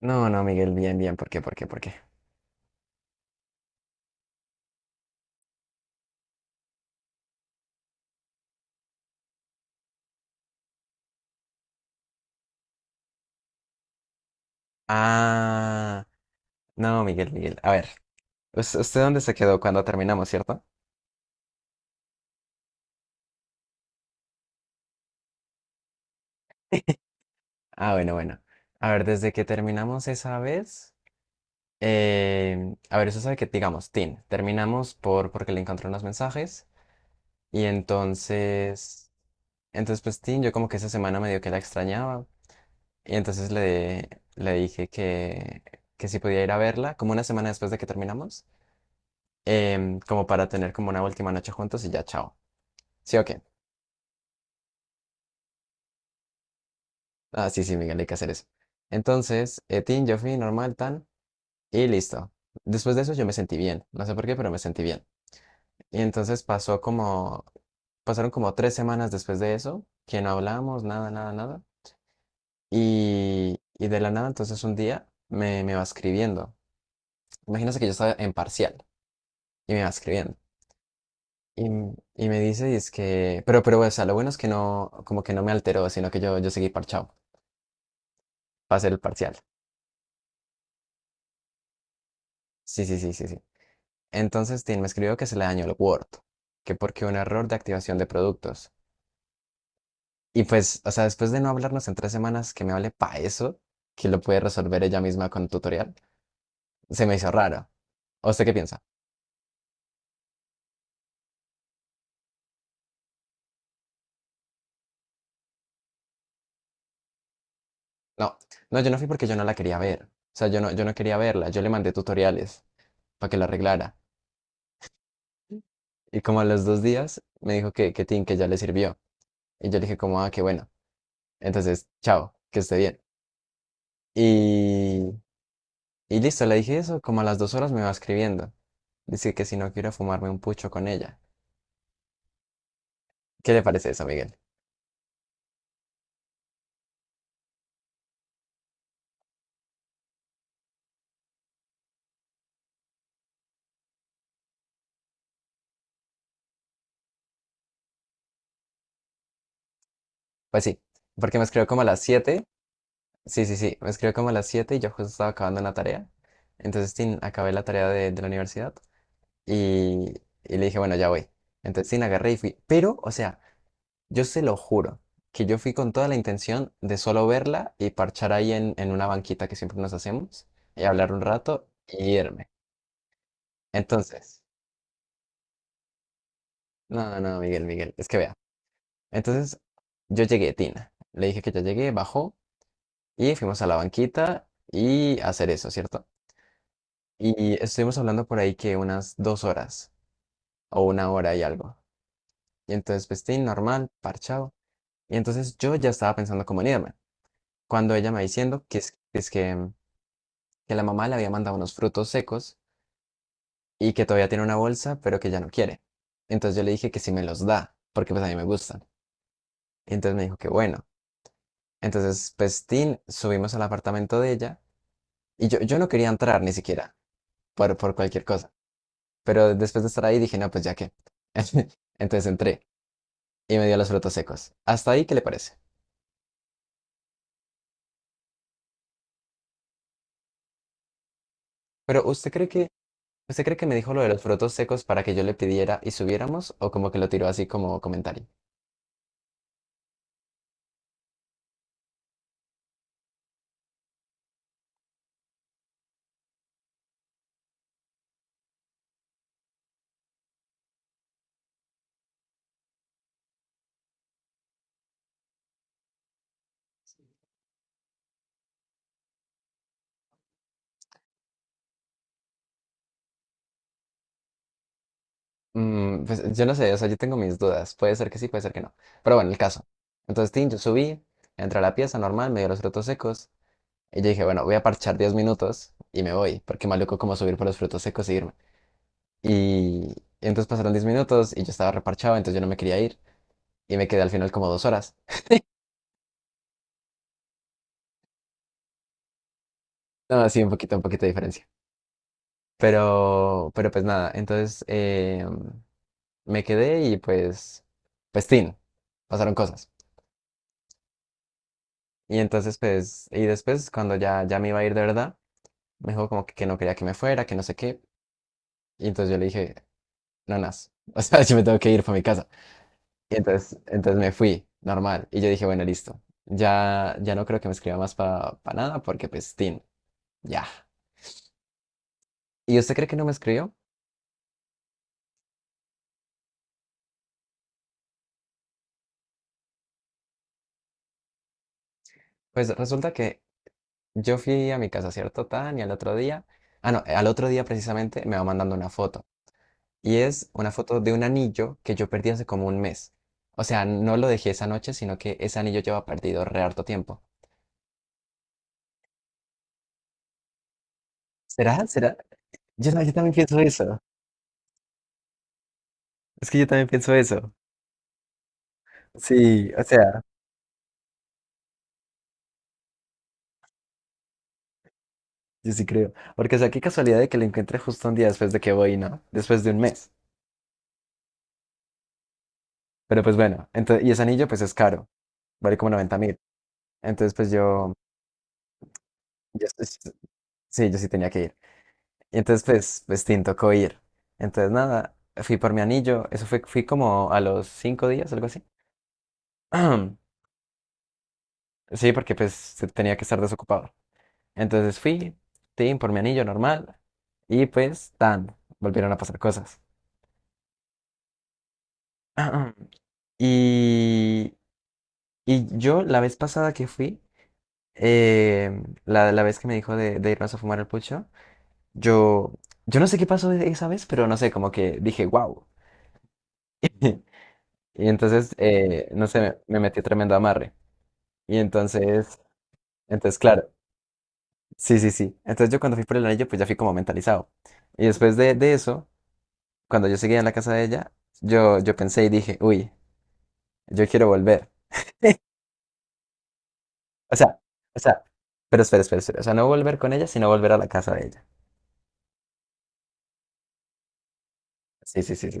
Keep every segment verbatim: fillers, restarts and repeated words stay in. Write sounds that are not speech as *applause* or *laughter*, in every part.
No, no, Miguel, bien, bien. ¿Por qué? ¿Por qué? ¿Por qué? Ah, no, Miguel, Miguel. A ver, ¿us- ¿usted dónde se quedó cuando terminamos, ¿cierto? *laughs* Ah, bueno, bueno. A ver, desde que terminamos esa vez, eh, a ver, usted sabe que, digamos, Tin, terminamos por porque le encontré unos mensajes y entonces, entonces pues Tin, yo como que esa semana medio que la extrañaba y entonces le, le dije que, que si podía ir a verla, como una semana después de que terminamos, em, como para tener como una última noche juntos y ya, chao. Sí, ok. Ah, sí, sí, Miguel, hay que hacer eso. Entonces, eh, tin, yo fui normal, tan, y listo. Después de eso yo me sentí bien. No sé por qué, pero me sentí bien. Y entonces pasó como, pasaron como tres semanas después de eso, que no hablábamos, nada, nada, nada. Y, y de la nada, entonces un día me, me va escribiendo. Imagínate que yo estaba en parcial y me va escribiendo. Y, m- y me dice, y es que, pero, pero, o sea, lo bueno es que no, como que no me alteró, sino que yo, yo seguí parchado para hacer el parcial. Sí, sí, sí, sí, sí. Entonces, Tim me escribió que se le dañó el Word, que porque un error de activación de productos. Y pues, o sea, después de no hablarnos en tres semanas, que me hable pa eso, que lo puede resolver ella misma con un tutorial, se me hizo raro. ¿O usted qué piensa? No, no, yo no fui porque yo no la quería ver. O sea, yo no, yo no quería verla, yo le mandé tutoriales para que la arreglara. Y como a los dos días me dijo que, que, Tim, que ya le sirvió. Y yo le dije como, ah, qué bueno. Entonces, chao, que esté bien. Y Y listo, le dije eso, como a las dos horas me va escribiendo. Dice que si no quiero fumarme un pucho con ella. ¿Qué le parece eso, Miguel? Pues sí, porque me escribió como a las siete. Sí, sí, sí, me escribió como a las siete y yo justo estaba acabando la tarea. Entonces, tin, acabé la tarea de, de la universidad. Y, y le dije, bueno, ya voy. Entonces sí, la agarré y fui. Pero, o sea, yo se lo juro que yo fui con toda la intención de solo verla y parchar ahí en, en una banquita que siempre nos hacemos y hablar un rato y irme. Entonces, no, no, Miguel, Miguel, es que vea. Entonces, yo llegué, Tina. Le dije que ya llegué, bajó y fuimos a la banquita y a hacer eso, ¿cierto? Y estuvimos hablando por ahí que unas dos horas o una hora y algo. Y entonces, pues, tin, normal, parchado. Y entonces yo ya estaba pensando cómo en irme, cuando ella me va diciendo que es, es que, mm, que la mamá le había mandado unos frutos secos y que todavía tiene una bolsa, pero que ya no quiere. Entonces yo le dije que si me los da, porque pues a mí me gustan. Y entonces me dijo que bueno. Entonces, pues, tin, subimos al apartamento de ella y yo, yo no quería entrar ni siquiera por, por cualquier cosa. Pero después de estar ahí dije, no, pues ya qué. *laughs* Entonces entré y me dio los frutos secos. ¿Hasta ahí qué le parece? Pero ¿usted cree que ¿Usted cree que me dijo lo de los frutos secos para que yo le pidiera y subiéramos? ¿O como que lo tiró así como comentario? Mm, pues yo no sé, o sea, yo tengo mis dudas. Puede ser que sí, puede ser que no. Pero bueno, el caso. Entonces, Tim, yo subí, entré a la pieza normal, me dio los frutos secos. Y yo dije, bueno, voy a parchar diez minutos y me voy, porque maluco como subir por los frutos secos y irme. Y entonces pasaron diez minutos y yo estaba reparchado, entonces yo no me quería ir. Y me quedé al final como dos horas. No, sí, un poquito, un poquito de diferencia. Pero, pero pues nada, entonces... Eh, me quedé y pues, pues, tin, pasaron cosas. Y entonces, pues, y después, cuando ya, ya me iba a ir de verdad, me dijo como que, que no quería que me fuera, que no sé qué. Y entonces yo le dije, no, nas, *laughs* o sea, yo me tengo que ir para mi casa. Y entonces, entonces me fui, normal. Y yo dije, bueno, listo. Ya, ya no creo que me escriba más para nada porque, pues, tin, ya. ¿Y usted cree que no me escribió? Pues resulta que yo fui a mi casa, ¿cierto, Tan? Y al otro día, ah, no, al otro día precisamente me va mandando una foto. Y es una foto de un anillo que yo perdí hace como un mes. O sea, no lo dejé esa noche, sino que ese anillo lleva perdido re harto tiempo. ¿Será? ¿Será? Yo, ta- yo también pienso eso. Es que yo también pienso eso. Sí, o sea, yo sí creo. Porque, o sea, qué casualidad de que lo encuentre justo un día después de que voy, ¿no? Después de un mes. Pero pues bueno, entonces, y ese anillo pues es caro. Vale como noventa mil. Entonces pues yo, yo, sí, yo sí tenía que ir. Y entonces, pues, pues, tin, tocó ir. Entonces, nada, fui por mi anillo. Eso fue, fui como a los cinco días, algo así. *clears throat* Sí, porque pues se- tenía que estar desocupado. Entonces fui, tin, por mi anillo normal. Y pues, tan, volvieron a pasar cosas. *clears throat* Y, y yo, la vez pasada que fui, eh, la, la vez que me dijo de, de irnos a fumar el pucho, yo, yo no sé qué pasó esa vez, pero no sé, como que dije, wow. *laughs* Y entonces, eh, no sé, me metí tremendo amarre. Y entonces, entonces, claro, sí, sí, sí. Entonces yo cuando fui por el anillo, pues ya fui como mentalizado. Y después de, de eso, cuando yo seguía en la casa de ella, yo, yo pensé y dije, uy, yo quiero volver. O sea, o sea, pero espera, espera, espera. O sea, no volver con ella, sino volver a la casa de ella. Sí, sí, sí, sí.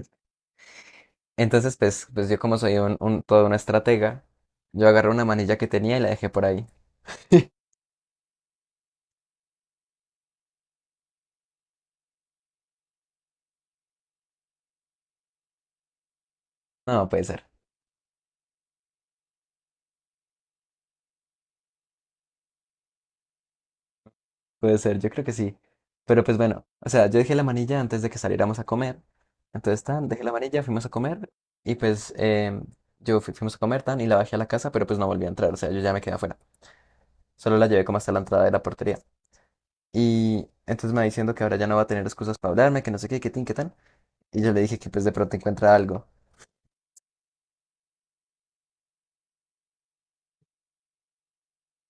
Entonces, pues, pues yo como soy un, un, toda una estratega, yo agarré una manilla que tenía y la dejé por ahí. *laughs* No, puede ser. Puede ser, yo creo que sí. Pero pues bueno, o sea, yo dejé la manilla antes de que saliéramos a comer. Entonces, tan, dejé la manilla, fuimos a comer y pues em, yo fui- fuimos a comer, tan, y la bajé a la casa, pero pues no volví a entrar, o sea, yo ya me quedé afuera. Solo la llevé como hasta la entrada de la portería. Y entonces me va diciendo que ahora ya no va a tener excusas para hablarme, que no sé qué, qué tin, qué tan. Y yo le dije que pues de pronto encuentra algo.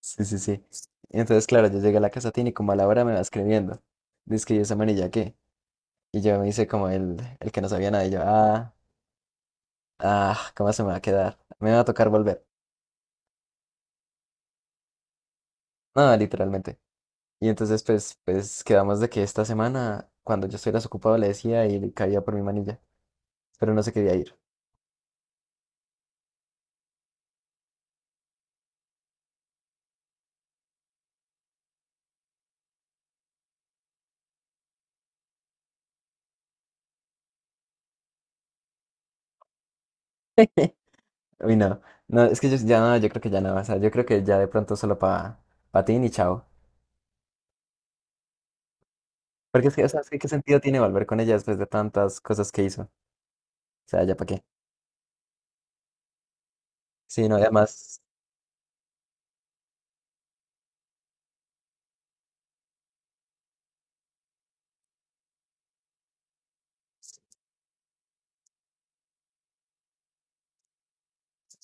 Sí, sí, sí. Y entonces, claro, yo llegué a la casa, tin, y como a la hora me va escribiendo. Dice que "¿Y esa manilla qué?" Y yo me hice como el, el que no sabía nada. Y yo, ah. Ah, ¿cómo se me va a quedar? Me va a tocar volver. No, literalmente. Y entonces, pues, pues, quedamos de que esta semana, cuando yo estuviera desocupado, le decía y le caía por mi manilla, pero no se quería ir. *laughs* Uy, no. No, es que yo ya no, yo creo que ya no. O sea, yo creo que ya de pronto solo para pa ti y chao. Porque es que, o sea, es que ¿qué sentido tiene volver con ella después de tantas cosas que hizo? O sea, ¿ya para qué? Sí, no, además.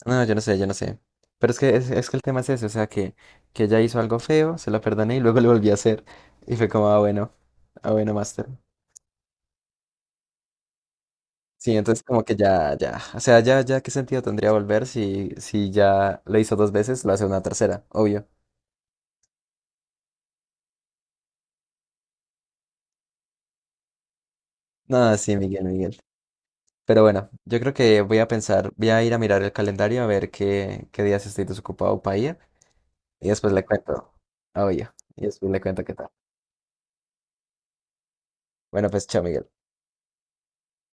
No, yo no sé, yo no sé. Pero es que es, es que el tema es ese, o sea que, que, ella hizo algo feo, se lo perdoné y luego *laughs* lo volví a hacer. Y fue como, ah, bueno, ah, bueno, master. Sí, entonces como que ya, ya. O sea, ya, ya, ¿qué sentido tendría volver si, si, ya lo hizo dos veces, lo hace una tercera, obvio. No, sí, Miguel, Miguel. Pero bueno, yo creo que voy a pensar, voy a ir a mirar el calendario a ver qué, qué, días estoy desocupado para ir. Y después le cuento. Obvio. Y después le cuento qué tal. Bueno, pues chao, Miguel.